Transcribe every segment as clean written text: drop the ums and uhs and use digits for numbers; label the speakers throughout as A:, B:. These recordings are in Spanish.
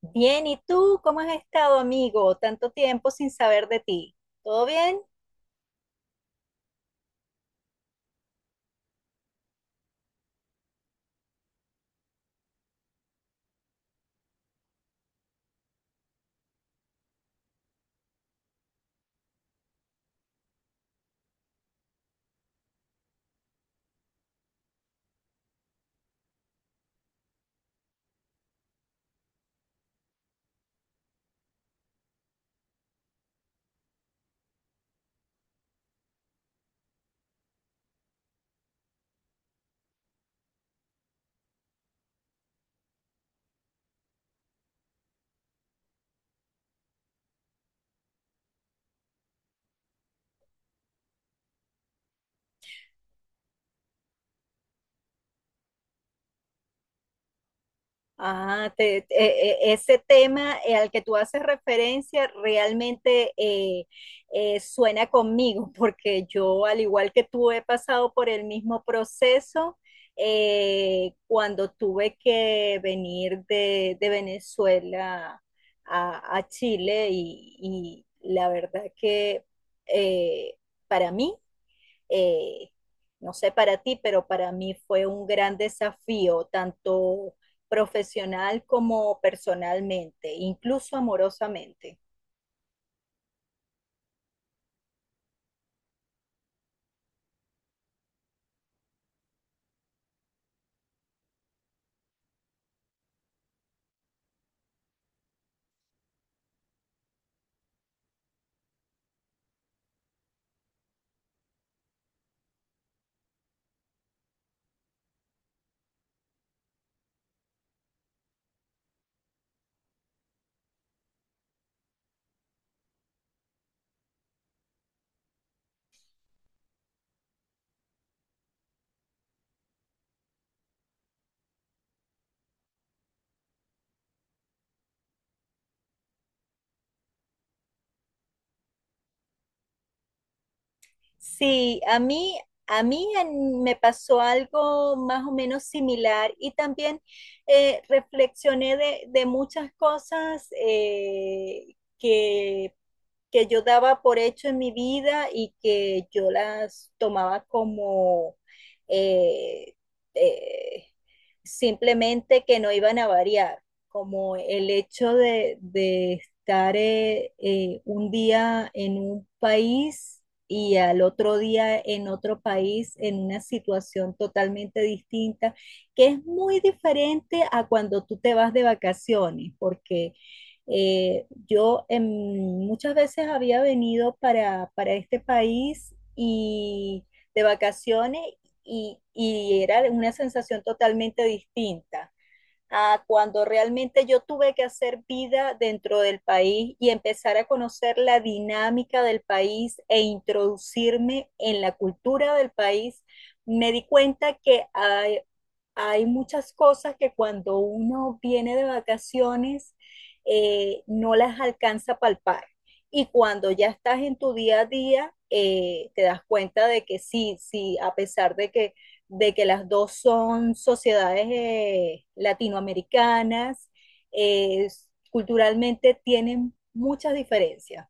A: Bien, ¿y tú cómo has estado, amigo? Tanto tiempo sin saber de ti. ¿Todo bien? Ese tema al que tú haces referencia realmente suena conmigo, porque yo, al igual que tú, he pasado por el mismo proceso, cuando tuve que venir de Venezuela a Chile y la verdad que, eh, para mí, eh, no sé para ti, pero para mí fue un gran desafío, tanto profesional como personalmente, incluso amorosamente. Sí, a mí me pasó algo más o menos similar y también, reflexioné de muchas cosas que yo daba por hecho en mi vida y que yo las tomaba como, eh, eh, simplemente que no iban a variar, como el hecho de estar, un día en un país y al otro día en otro país, en una situación totalmente distinta, que es muy diferente a cuando tú te vas de vacaciones, porque yo, muchas veces había venido para este país y de vacaciones, y era una sensación totalmente distinta a cuando realmente yo tuve que hacer vida dentro del país y empezar a conocer la dinámica del país e introducirme en la cultura del país. Me di cuenta que hay muchas cosas que cuando uno viene de vacaciones no las alcanza a palpar. Y cuando ya estás en tu día a día, te das cuenta de que sí, sí, a pesar de de que las dos son sociedades latinoamericanas, eh, culturalmente tienen muchas diferencias.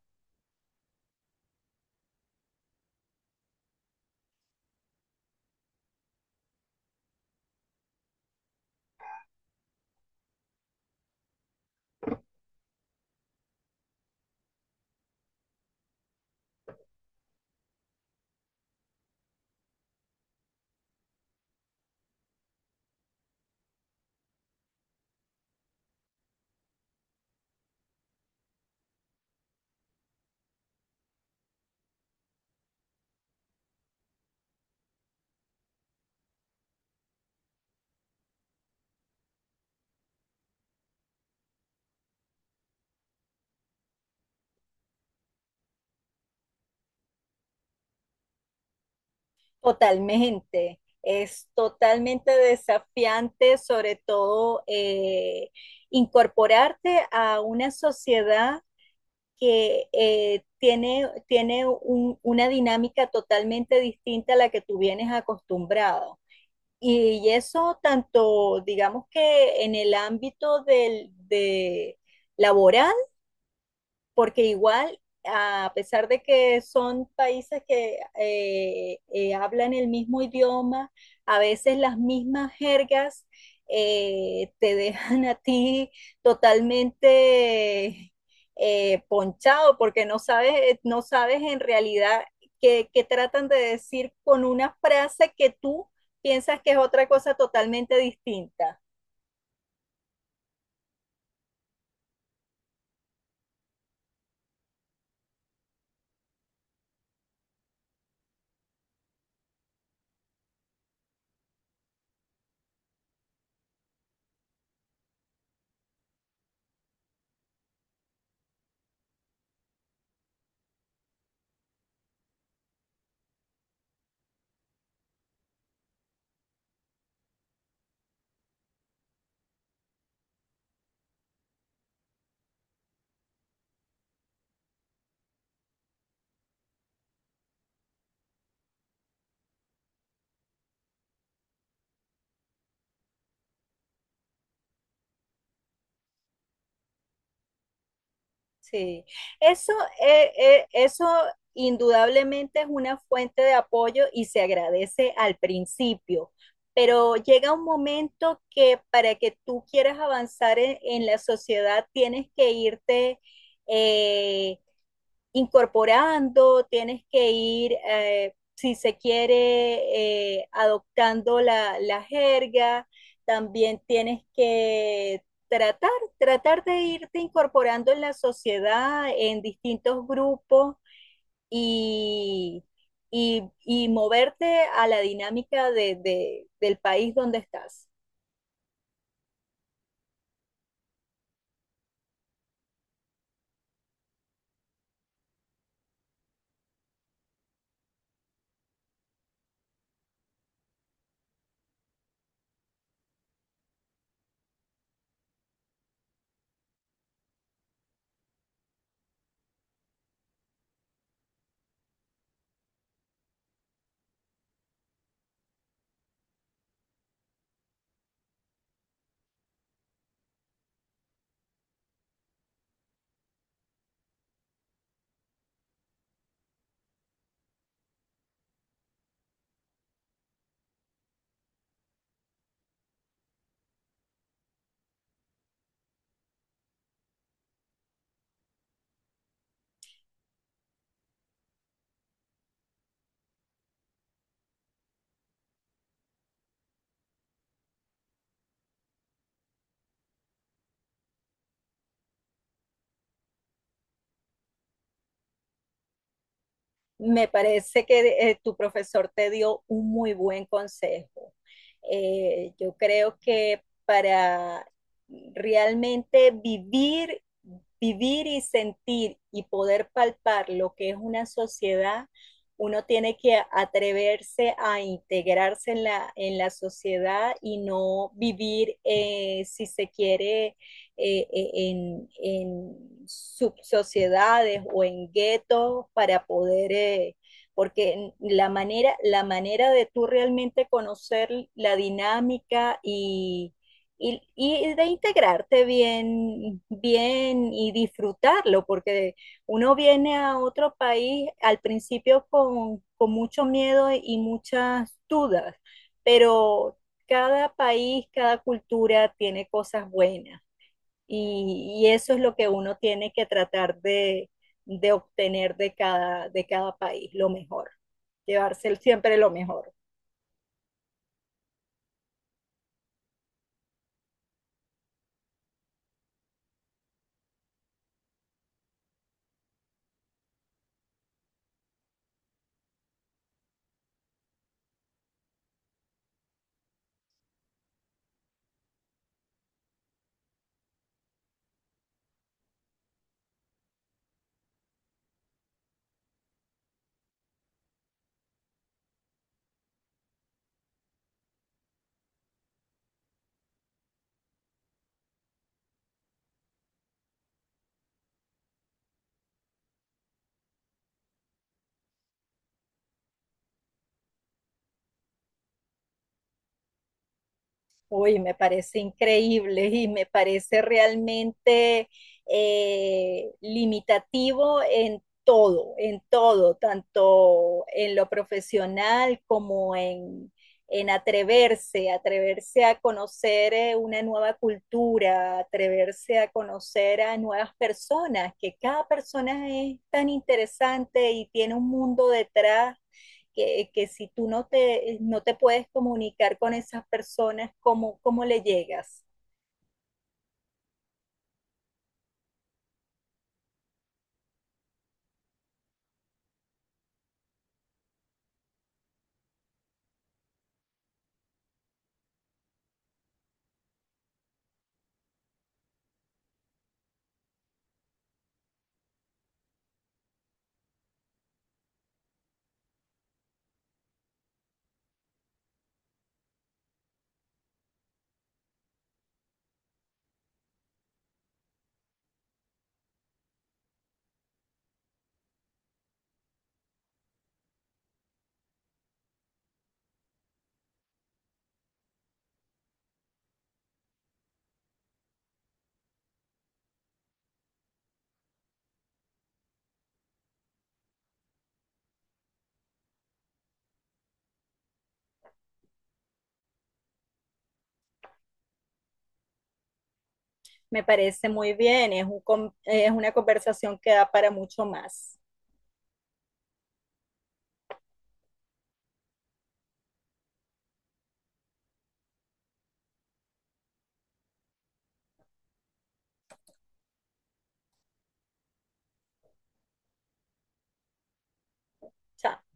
A: Totalmente, es totalmente desafiante, sobre todo incorporarte a una sociedad que tiene una dinámica totalmente distinta a la que tú vienes acostumbrado. Y eso tanto, digamos que en el ámbito de laboral, porque igual, a pesar de que son países que hablan el mismo idioma, a veces las mismas jergas te dejan a ti totalmente ponchado, porque no sabes, no sabes en realidad qué tratan de decir con una frase que tú piensas que es otra cosa totalmente distinta. Sí, eso, eso indudablemente es una fuente de apoyo y se agradece al principio, pero llega un momento que para que tú quieras avanzar en la sociedad tienes que irte, eh, incorporando, tienes que ir, si se quiere, adoptando la jerga, también tienes que tratar, tratar de irte incorporando en la sociedad, en distintos grupos y, y moverte a la dinámica del país donde estás. Me parece que tu profesor te dio un muy buen consejo. Yo creo que para realmente vivir y sentir y poder palpar lo que es una sociedad, uno tiene que atreverse a integrarse en la sociedad y no vivir, si se quiere, en subsociedades o en guetos, para poder, porque la manera de tú realmente conocer la dinámica y de integrarte bien, bien y disfrutarlo, porque uno viene a otro país al principio con mucho miedo y muchas dudas, pero cada país, cada cultura tiene cosas buenas. Y eso es lo que uno tiene que tratar de obtener de cada país, lo mejor, llevarse siempre lo mejor. Uy, me parece increíble y me parece realmente limitativo en todo, tanto en lo profesional como en atreverse, atreverse a conocer una nueva cultura, atreverse a conocer a nuevas personas, que cada persona es tan interesante y tiene un mundo detrás que, si tú no te, no te puedes comunicar con esas personas, ¿cómo, cómo le llegas? Me parece muy bien, es, un, es una conversación que da para mucho más. Chao.